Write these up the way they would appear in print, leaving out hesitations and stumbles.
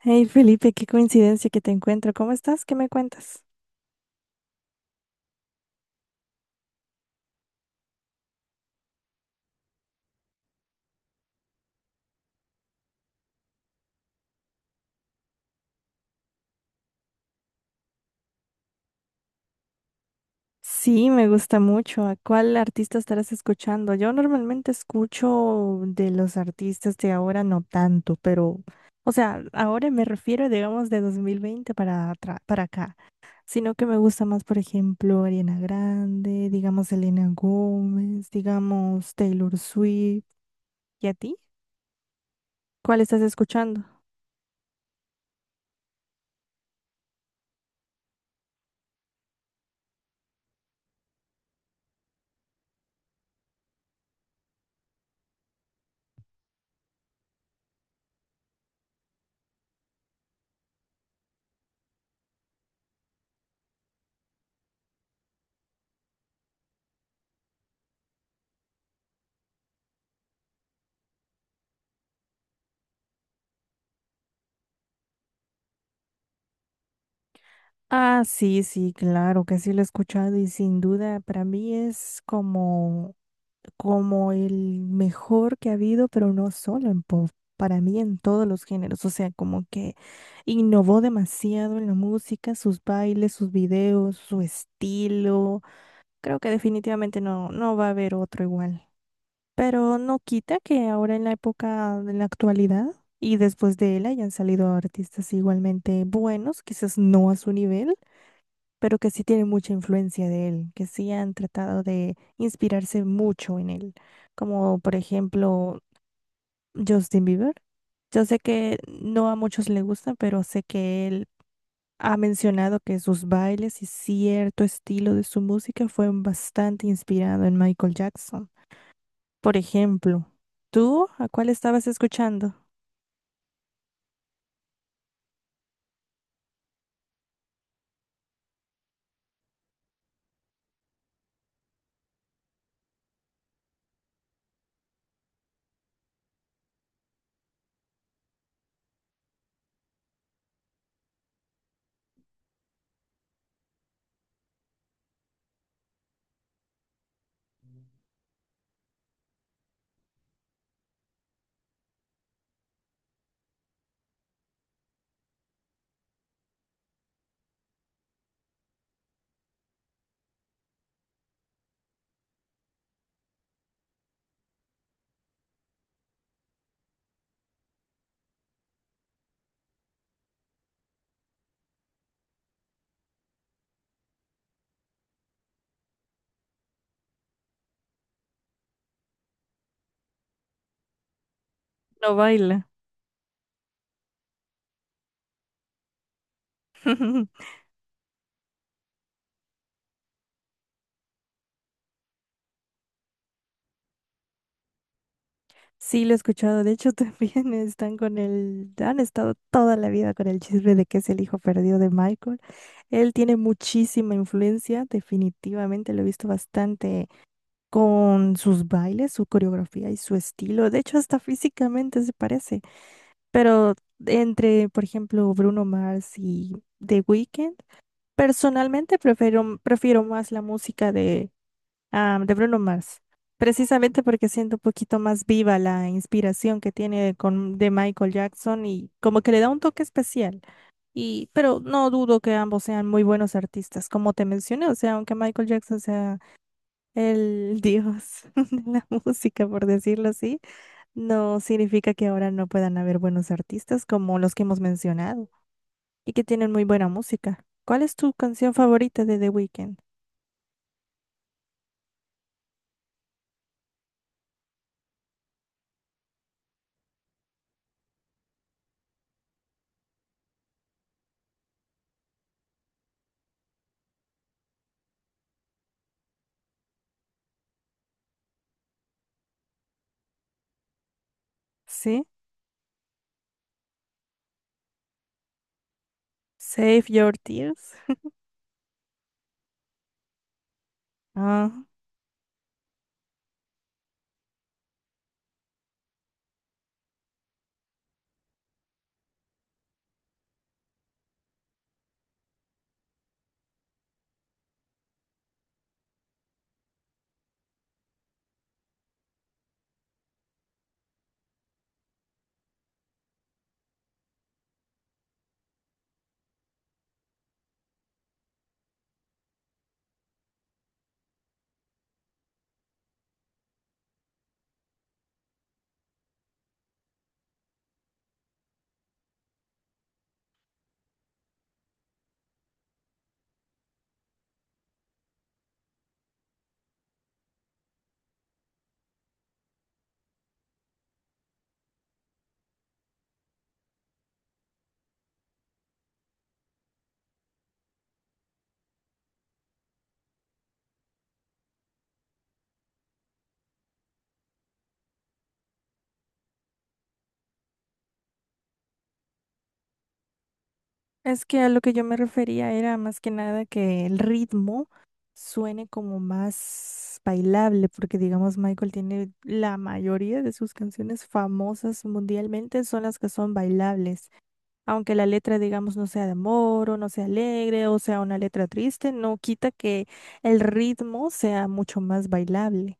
Hey Felipe, qué coincidencia que te encuentro. ¿Cómo estás? ¿Qué me cuentas? Sí, me gusta mucho. ¿A cuál artista estarás escuchando? Yo normalmente escucho de los artistas de ahora no tanto, pero, o sea, ahora me refiero, digamos, de 2020 para, para acá, sino que me gusta más, por ejemplo, Ariana Grande, digamos, Selena Gómez, digamos, Taylor Swift. ¿Y a ti? ¿Cuál estás escuchando? Ah, sí, sí, claro que sí lo he escuchado y sin duda para mí es como, como el mejor que ha habido, pero no solo en pop, para mí en todos los géneros, o sea, como que innovó demasiado en la música, sus bailes, sus videos, su estilo. Creo que definitivamente no va a haber otro igual. Pero no quita que ahora en la época, en la actualidad, y después de él hayan salido artistas igualmente buenos, quizás no a su nivel, pero que sí tiene mucha influencia de él, que sí han tratado de inspirarse mucho en él, como por ejemplo Justin Bieber. Yo sé que no a muchos le gusta, pero sé que él ha mencionado que sus bailes y cierto estilo de su música fue bastante inspirado en Michael Jackson. Por ejemplo, ¿tú a cuál estabas escuchando? No baila. Sí, lo he escuchado. De hecho, también están con el, han estado toda la vida con el chisme de que es el hijo perdido de Michael. Él tiene muchísima influencia, definitivamente lo he visto bastante con sus bailes, su coreografía y su estilo. De hecho, hasta físicamente se parece. Pero entre, por ejemplo, Bruno Mars y The Weeknd, personalmente prefiero más la música, ah, de Bruno Mars. Precisamente porque siento un poquito más viva la inspiración que tiene con, de Michael Jackson y como que le da un toque especial. Y, pero no dudo que ambos sean muy buenos artistas, como te mencioné, o sea, aunque Michael Jackson sea el dios de la música, por decirlo así, no significa que ahora no puedan haber buenos artistas como los que hemos mencionado y que tienen muy buena música. ¿Cuál es tu canción favorita de The Weeknd? ¿Sí? Save Your Tears. Es que a lo que yo me refería era más que nada que el ritmo suene como más bailable, porque digamos Michael tiene la mayoría de sus canciones famosas mundialmente son las que son bailables. Aunque la letra digamos no sea de amor o no sea alegre o sea una letra triste, no quita que el ritmo sea mucho más bailable.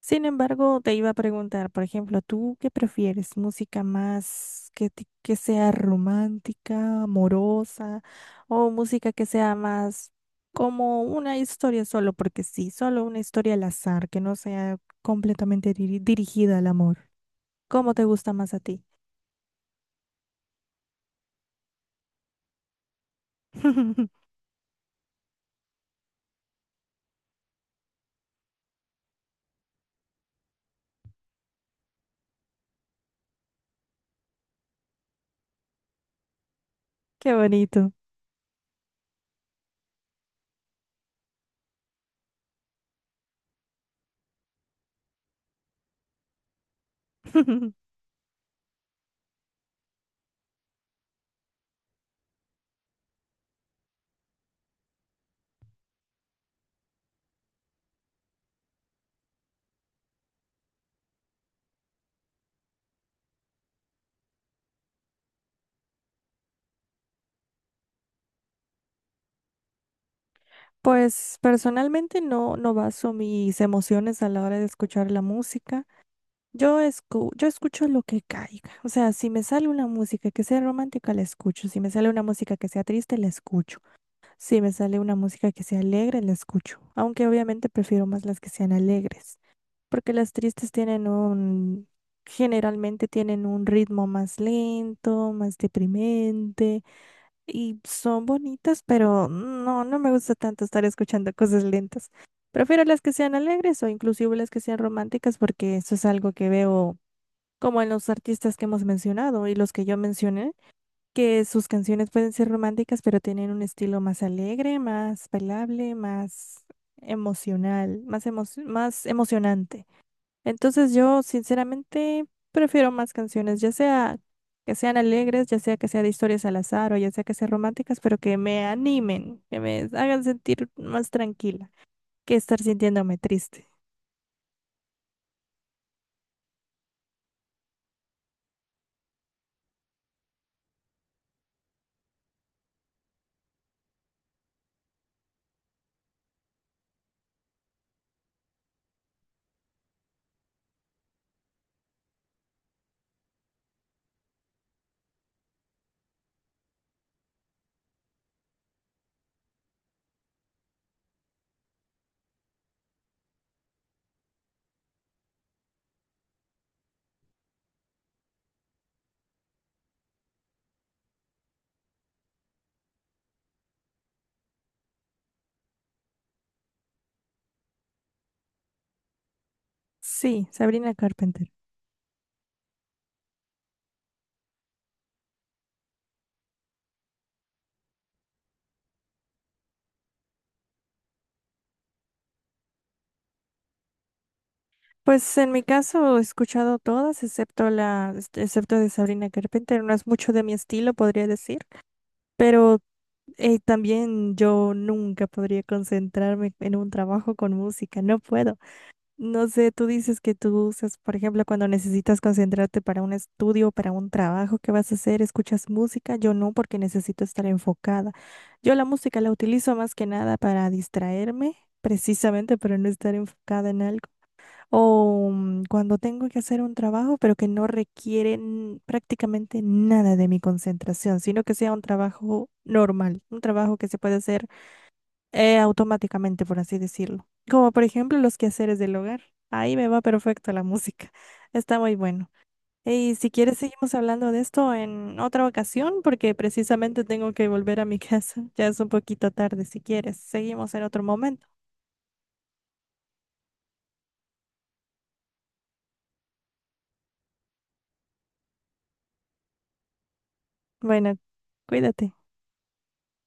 Sin embargo, te iba a preguntar, por ejemplo, ¿tú qué prefieres? ¿Música más que sea romántica, amorosa, o música que sea más como una historia solo, porque sí, solo una historia al azar, que no sea completamente dirigida al amor? ¿Cómo te gusta más a ti? Qué bonito. Pues personalmente no baso mis emociones a la hora de escuchar la música. Yo escucho lo que caiga. O sea, si me sale una música que sea romántica, la escucho. Si me sale una música que sea triste, la escucho. Si me sale una música que sea alegre, la escucho. Aunque obviamente prefiero más las que sean alegres. Porque las tristes tienen un generalmente tienen un ritmo más lento, más deprimente. Y son bonitas, pero no me gusta tanto estar escuchando cosas lentas. Prefiero las que sean alegres o inclusive las que sean románticas porque eso es algo que veo como en los artistas que hemos mencionado y los que yo mencioné, que sus canciones pueden ser románticas, pero tienen un estilo más alegre, más bailable, más emocional, más emocionante. Entonces yo sinceramente prefiero más canciones, ya sea que sean alegres, ya sea que sea de historias al azar o ya sea que sean románticas, pero que me animen, que me hagan sentir más tranquila que estar sintiéndome triste. Sí, Sabrina Carpenter. Pues en mi caso he escuchado todas, excepto la, este, excepto de Sabrina Carpenter, no es mucho de mi estilo, podría decir, pero también yo nunca podría concentrarme en un trabajo con música, no puedo. No sé, tú dices que tú usas, por ejemplo, cuando necesitas concentrarte para un estudio, para un trabajo que vas a hacer, escuchas música, yo no, porque necesito estar enfocada. Yo la música la utilizo más que nada para distraerme, precisamente para no estar enfocada en algo. O cuando tengo que hacer un trabajo, pero que no requiere prácticamente nada de mi concentración, sino que sea un trabajo normal, un trabajo que se puede hacer automáticamente, por así decirlo. Como por ejemplo los quehaceres del hogar. Ahí me va perfecto la música. Está muy bueno. Y si quieres, seguimos hablando de esto en otra ocasión, porque precisamente tengo que volver a mi casa. Ya es un poquito tarde. Si quieres, seguimos en otro momento. Bueno, cuídate.